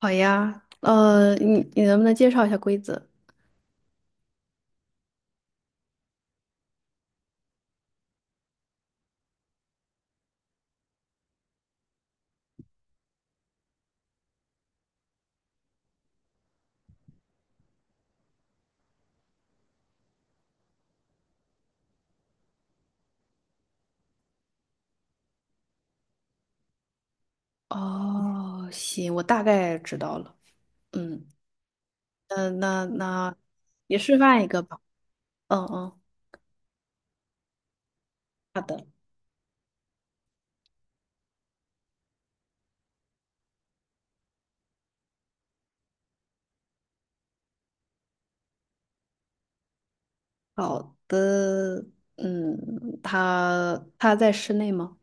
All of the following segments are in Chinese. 好呀，你能不能介绍一下规则？哦，行，我大概知道了。嗯，那你示范一个吧。嗯嗯，好的，好的。嗯，他在室内吗？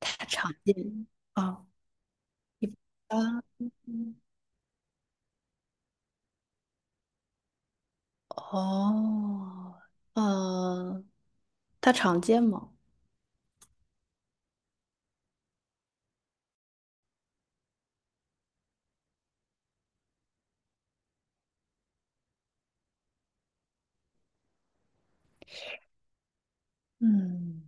他常见啊，一般哦，嗯，他常见吗？嗯，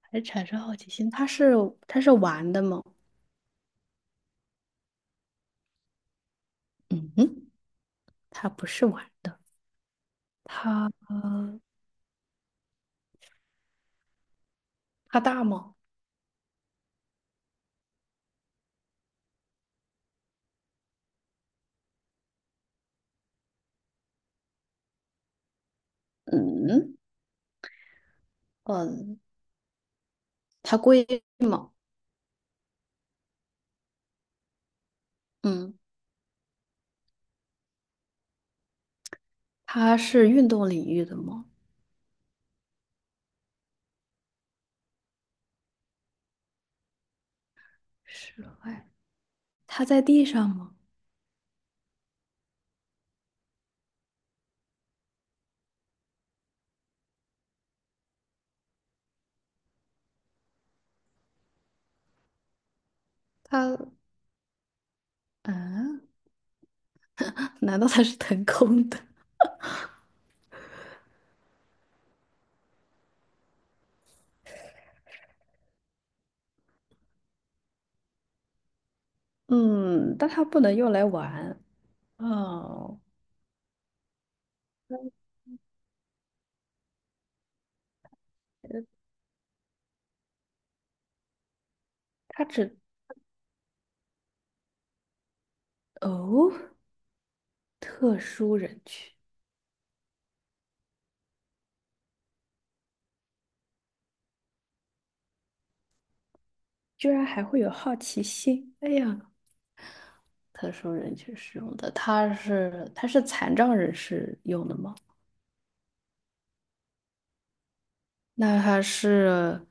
还产生好奇心。他是玩的吗？嗯哼，它不是玩的。它它大吗？嗯嗯，它贵吗？嗯，它是运动领域的吗？室外，它在地上吗？它嗯，难道它是腾空的？嗯，但它不能用来玩，哦它只哦，特殊人群。居然还会有好奇心。哎呀，特殊人群使用的，它是残障人士用的吗？那他是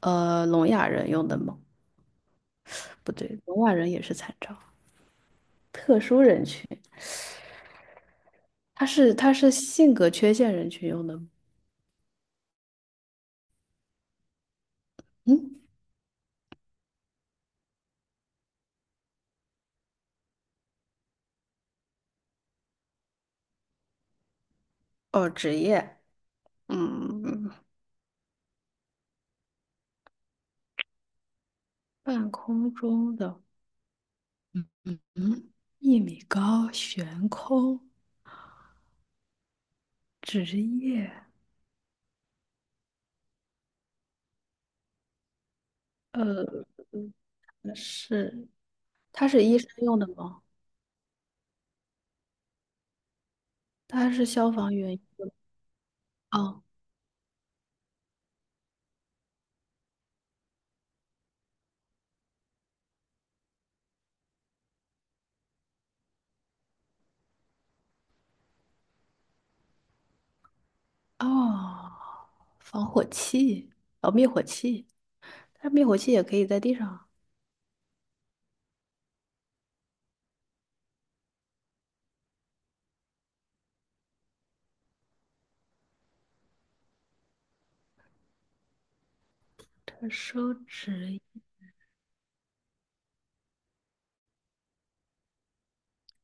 聋哑人用的吗？不对，聋哑人也是残障，特殊人群。他是性格缺陷人群用的吗？嗯，哦，职业，嗯，半空中的，嗯，一米高悬空，职业，呃，是他是医生用的吗？他是消防员。哦哦，防火器，哦，灭火器，但是灭火器也可以在地上。收职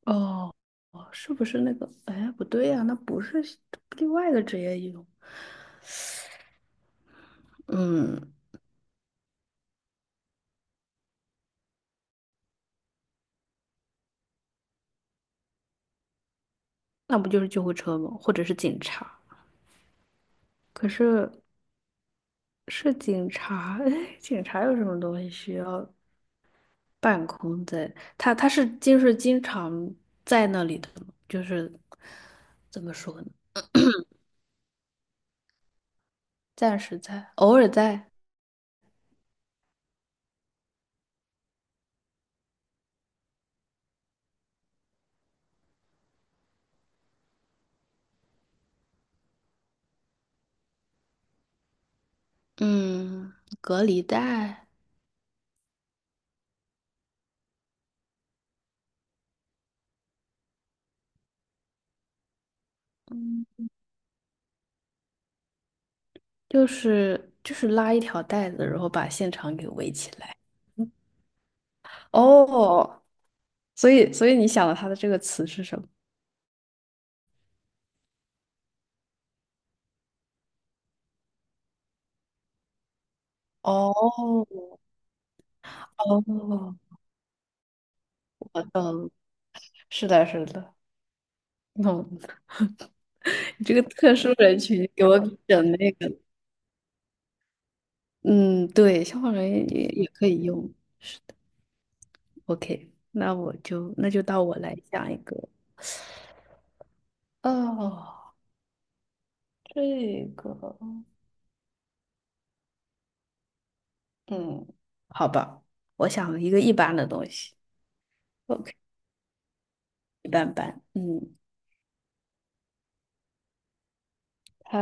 哦哦，是不是那个？哎，不对呀、那不是另外一个职业一种。嗯，那不就是救护车吗？或者是警察？可是是警察，哎，警察有什么东西需要办公在？他是就是经常在那里的吗？就是怎么说呢？暂时在，偶尔在，嗯，隔离带，就是拉一条带子，然后把现场给围起来。哦，所以你想的他的这个词是什么？哦哦，我懂，是的，是的，哦，你这个特殊人群给我整那个，嗯，对，消防员也可以用。OK，那我就那就到我来讲一个，哦，这个，嗯，好吧？我想了一个一般的东西，OK，一般般。嗯，他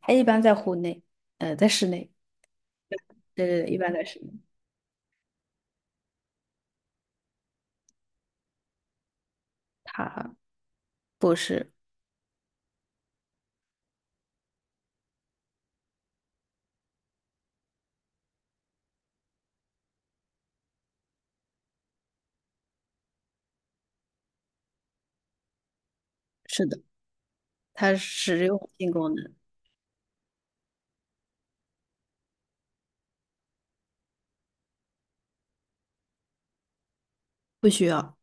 他一般在户内，在室内。对对对，一般的使用它不是，是的，它实用性功能不需要，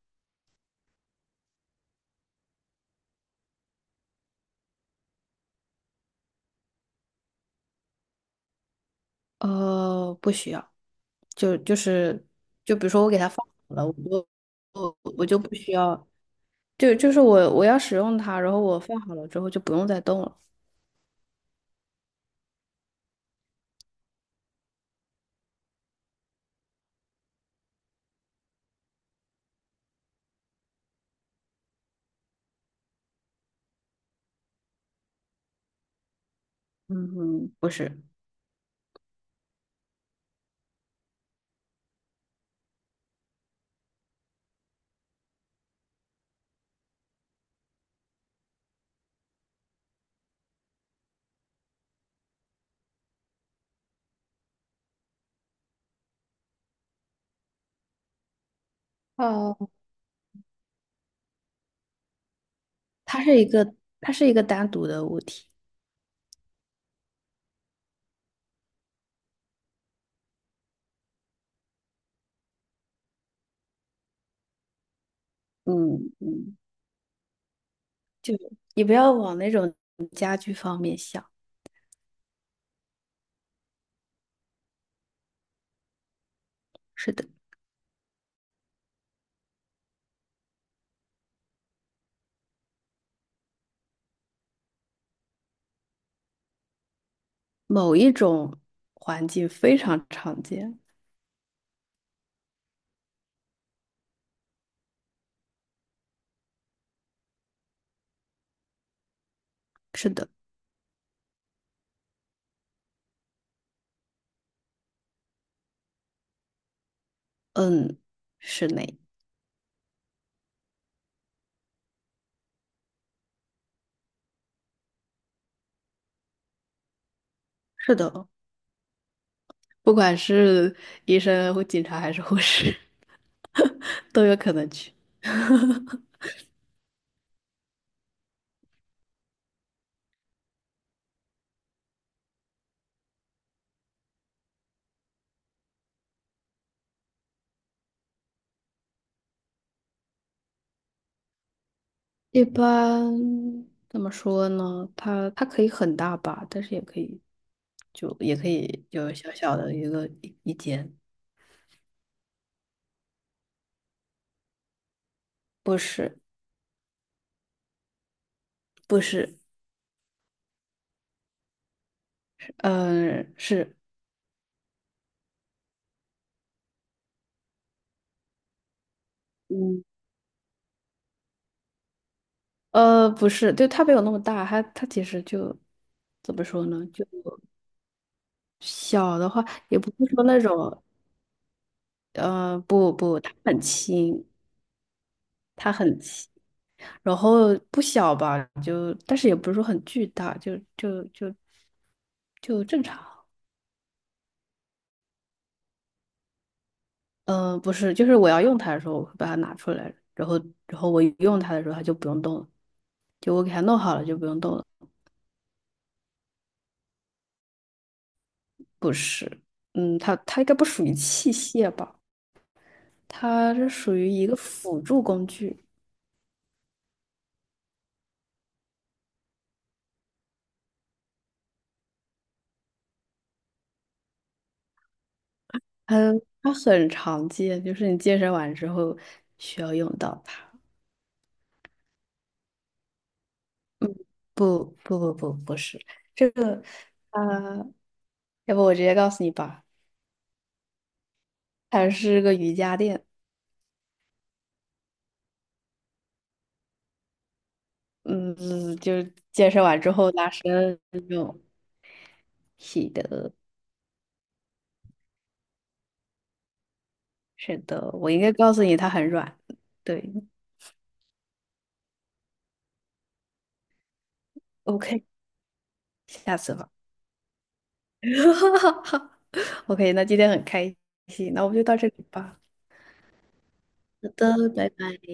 不需要，就是就比如说我给它放好了，我就不需要，就是我要使用它，然后我放好了之后就不用再动了。嗯哼，不是，哦，它是一个它是一个单独的物体，嗯嗯，就你不要往那种家居方面想，是的，某一种环境非常常见。是的，嗯，室内，是的，不管是医生或警察还是护士，都有可能去。一般怎么说呢？它它可以很大吧，但是也可以，就也可以有小小的一个一间。不是，不是，嗯、是，嗯，不是，就它没有那么大，它它其实就怎么说呢？就小的话，也不是说那种，呃，不不，它很轻，它很细，然后不小吧，就但是也不是说很巨大，就就正常。嗯、不是，就是我要用它的时候，我会把它拿出来，然后然后我用它的时候，它就不用动了，就我给它弄好了就不用动了。不是，嗯，它它应该不属于器械吧？它是属于一个辅助工具，它它很常见，就是你健身完之后需要用到它。不是这个，呃，要不我直接告诉你吧，它是个瑜伽垫，嗯，就是健身完之后拉伸用。是的，是的，我应该告诉你它很软。对，OK，下次吧。OK，那今天很开心，那我们就到这里吧。好的，拜拜。